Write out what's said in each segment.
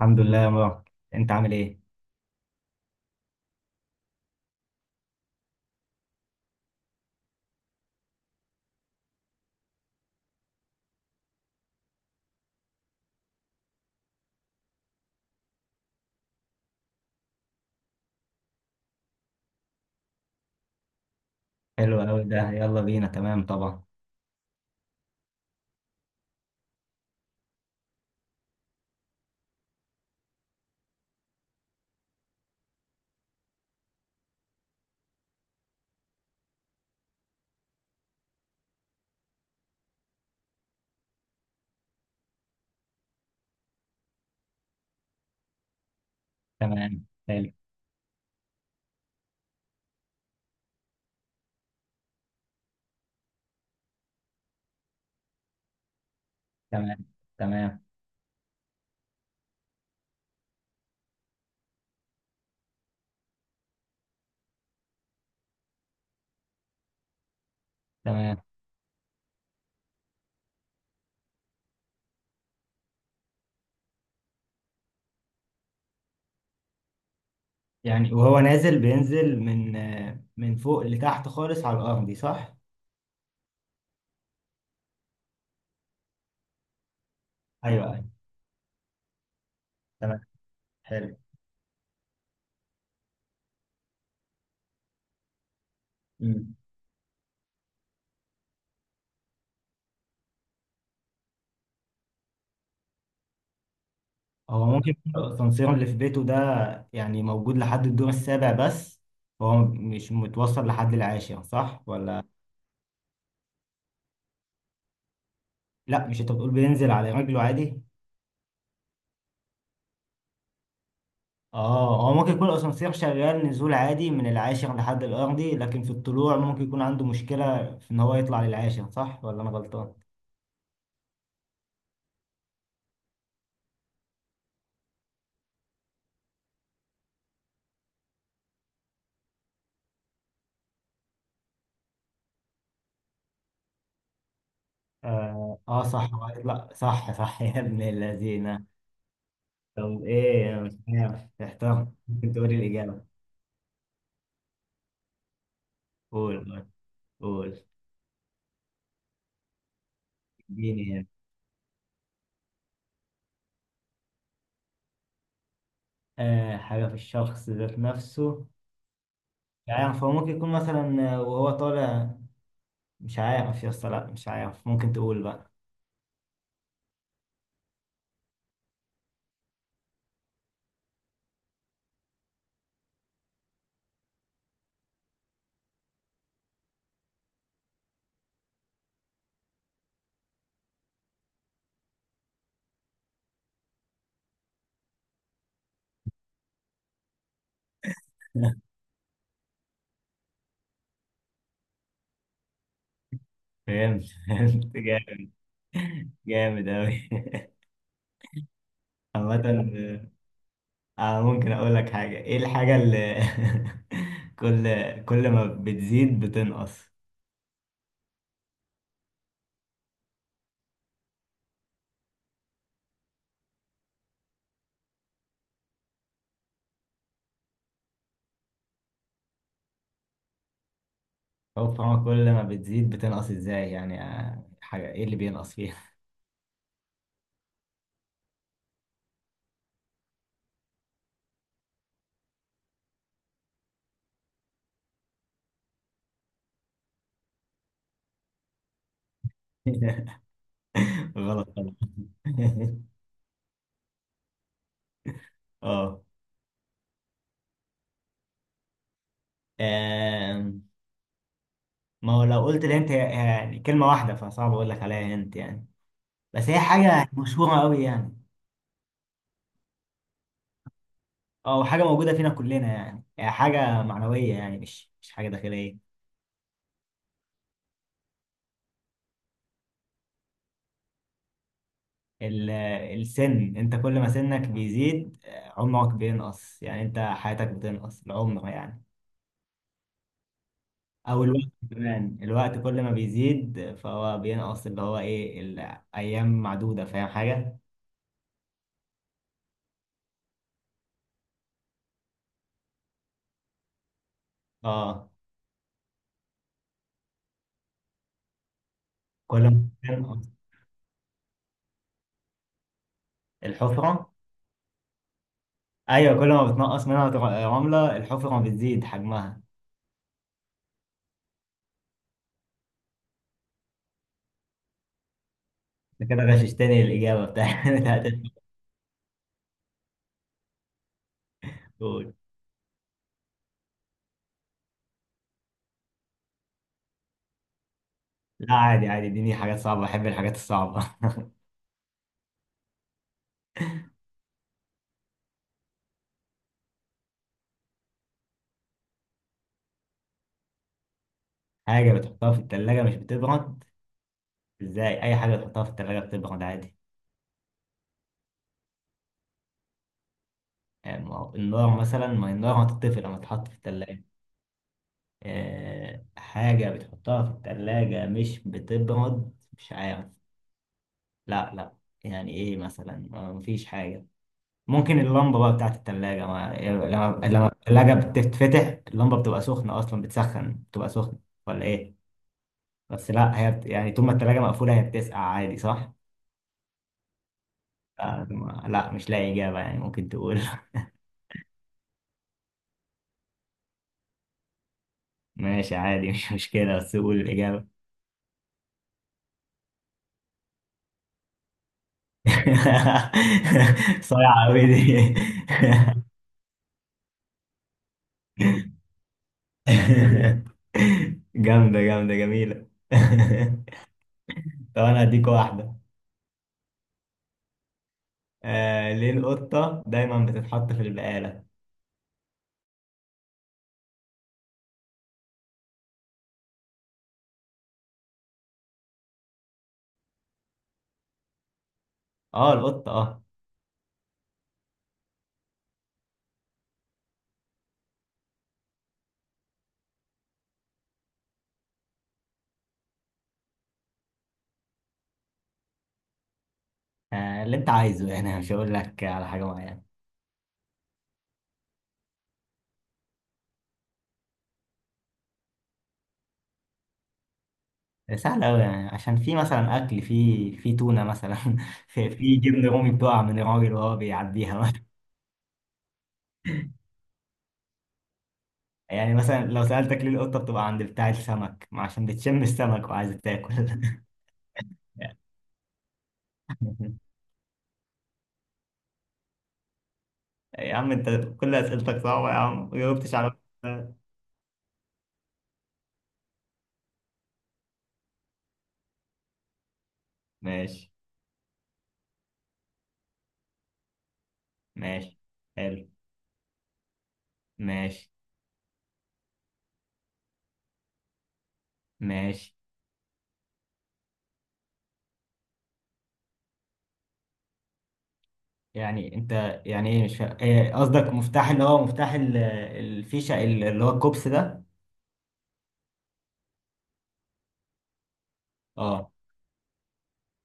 الحمد لله يا مروان، انت عامل ايه؟ حلو قوي ده، يلا بينا. تمام طبعا. تمام حلو. تمام. تمام. تمام. يعني وهو نازل بينزل من من فوق لتحت خالص على الارض دي، صح؟ ايوه ايوه. تمام. حلو. مم. هو ممكن يكون الاسانسير اللي في بيته ده يعني موجود لحد الدور السابع بس، هو مش متوصل لحد العاشر، صح ولا؟ لا، مش انت بتقول بينزل على رجله عادي؟ اه، هو ممكن يكون الاسانسير شغال نزول عادي من العاشر لحد الارضي، لكن في الطلوع ممكن يكون عنده مشكلة في ان هو يطلع للعاشر، صح ولا انا غلطان؟ اه، آه صح، هو هيطلع. صح صح يا ابن الذين. طب ايه، انا مش عارف، احتار. ممكن تقولي الاجابة؟ قول. قول. اديني يعني. آه، حاجة في الشخص ذات نفسه. مش عارف، هو ممكن يكون مثلا وهو طالع. مش عارف يا اسطى، لا مش عارف، ممكن تقول بقى. فهمت، فهمت جامد. جامد أوي. عامة، ممكن أقول لك حاجة؟ إيه الحاجة اللي، كل، كل ما بتزيد بتنقص؟ هو فاهمة كل ما بتزيد بتنقص إزاي يعني؟ حاجة إيه اللي بينقص فيها؟ غلط طبعا. أه. آم، ما هو لو قلت الهنت هي، يعني كلمة واحدة فصعب أقول لك عليها هنت يعني. بس هي حاجة مشهورة أوي يعني. أه، حاجة موجودة فينا كلنا يعني، هي حاجة معنوية يعني، مش حاجة داخلية. ال- السن، انت كل ما سنك بيزيد عمرك بينقص يعني، انت حياتك بتنقص العمر يعني. او الوقت كمان، الوقت كل ما بيزيد فهو بينقص، اللي هو ايه، الايام معدودة، فاهم حاجة؟ اه. كل ما بتنقص الحفرة. ايوه، كل ما بتنقص منها رملة الحفرة بتزيد حجمها. انت كده غششتني الاجابة بتاعت بتاعت الدكتور. لا عادي عادي، اديني حاجات صعبة، بحب الحاجات الصعبة. حاجة بتحطها في التلاجة مش بتبرد؟ ازاي، اي حاجه تحطها في التلاجة بتبرد عادي. يعني ما هو النار مثلا، ما هي النار هتطفي لما تتحط في التلاجة. أه، حاجه بتحطها في التلاجة مش بتبرد، مش عارف. لا لا. يعني ايه مثلا، مفيش حاجه. ممكن اللمبه بقى بتاعت التلاجة، ما لما لما التلاجة بتتفتح، اللمبه بتبقى سخنه، اصلا بتسخن، بتبقى سخنه، ولا ايه؟ بس لا، هي بت، يعني طول ما التلاجة مقفوله هي بتسقع عادي، صح؟ لا مش لاقي اجابه يعني، ممكن تقول. ماشي عادي، مش مشكلة، بس قول الإجابة. صايعة أوي دي. جامدة، جامدة جميلة. طب أنا هديك واحدة. آه، ليه القطة دايما بتتحط في البقالة؟ اه، القطة اه. اللي أنت عايزه يعني، مش هقول لك على حاجة معينة. سهل أوي يعني، عشان في مثلا أكل، في تونة مثلا. في جبن رومي بتقع من الراجل وهو بيعديها مثلا. يعني مثلا لو سألتك ليه القطة بتبقى عند بتاع السمك؟ ما عشان بتشم السمك وعايزة تاكل. يا عم انت، كل اسئلتك صعبة يا عم، ما جاوبتش على واحدة. ماشي. ماشي. حلو. ماشي. ماشي. يعني انت، يعني ايه، مش فاهم ايه قصدك، مفتاح اللي هو مفتاح الفيشة، اللي هو الكوبس ده؟ اه.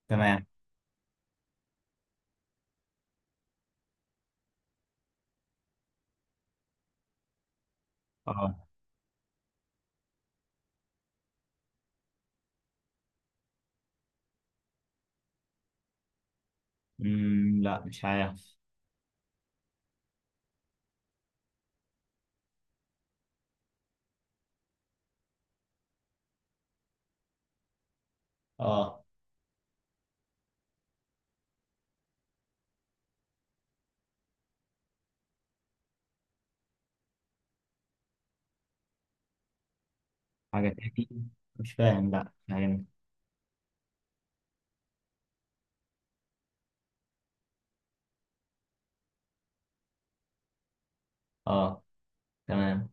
تمام. اه. امم، لا مش عارف. اه، حاجة تاني؟ مش فاهم، لا مش عارف. اه. تمام.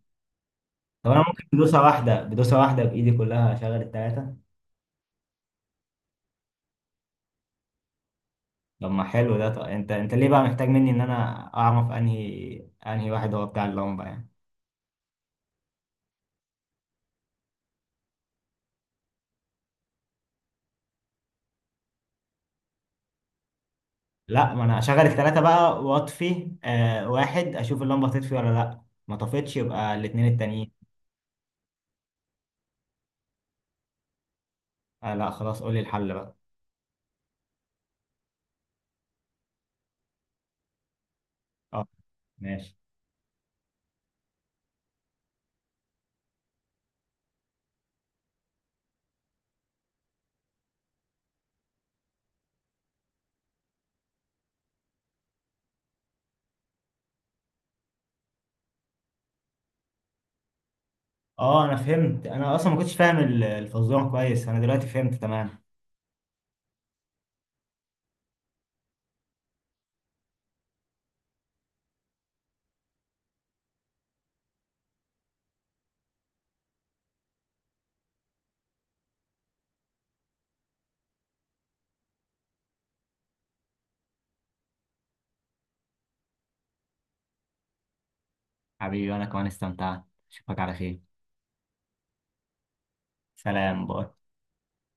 طب انا ممكن بدوسة واحدة بإيدي كلها اشغل التلاتة؟ طب ما حلو ده، طب انت، انت ليه بقى محتاج مني ان انا اعرف انهي واحد هو بتاع اللمبه يعني؟ لا، ما انا اشغل الثلاثه بقى واطفي آه واحد، اشوف اللمبه تطفي ولا لا، ما طفتش يبقى الاثنين التانيين. آه لا خلاص، قول لي الحل بقى. اه. ماشي. اه انا فهمت، انا اصلا ما كنتش فاهم الفزوره كويس، انا دلوقتي فهمت تمام. حبيبي انا كمان استمتعت، اشوفك على خير. سلام، باي.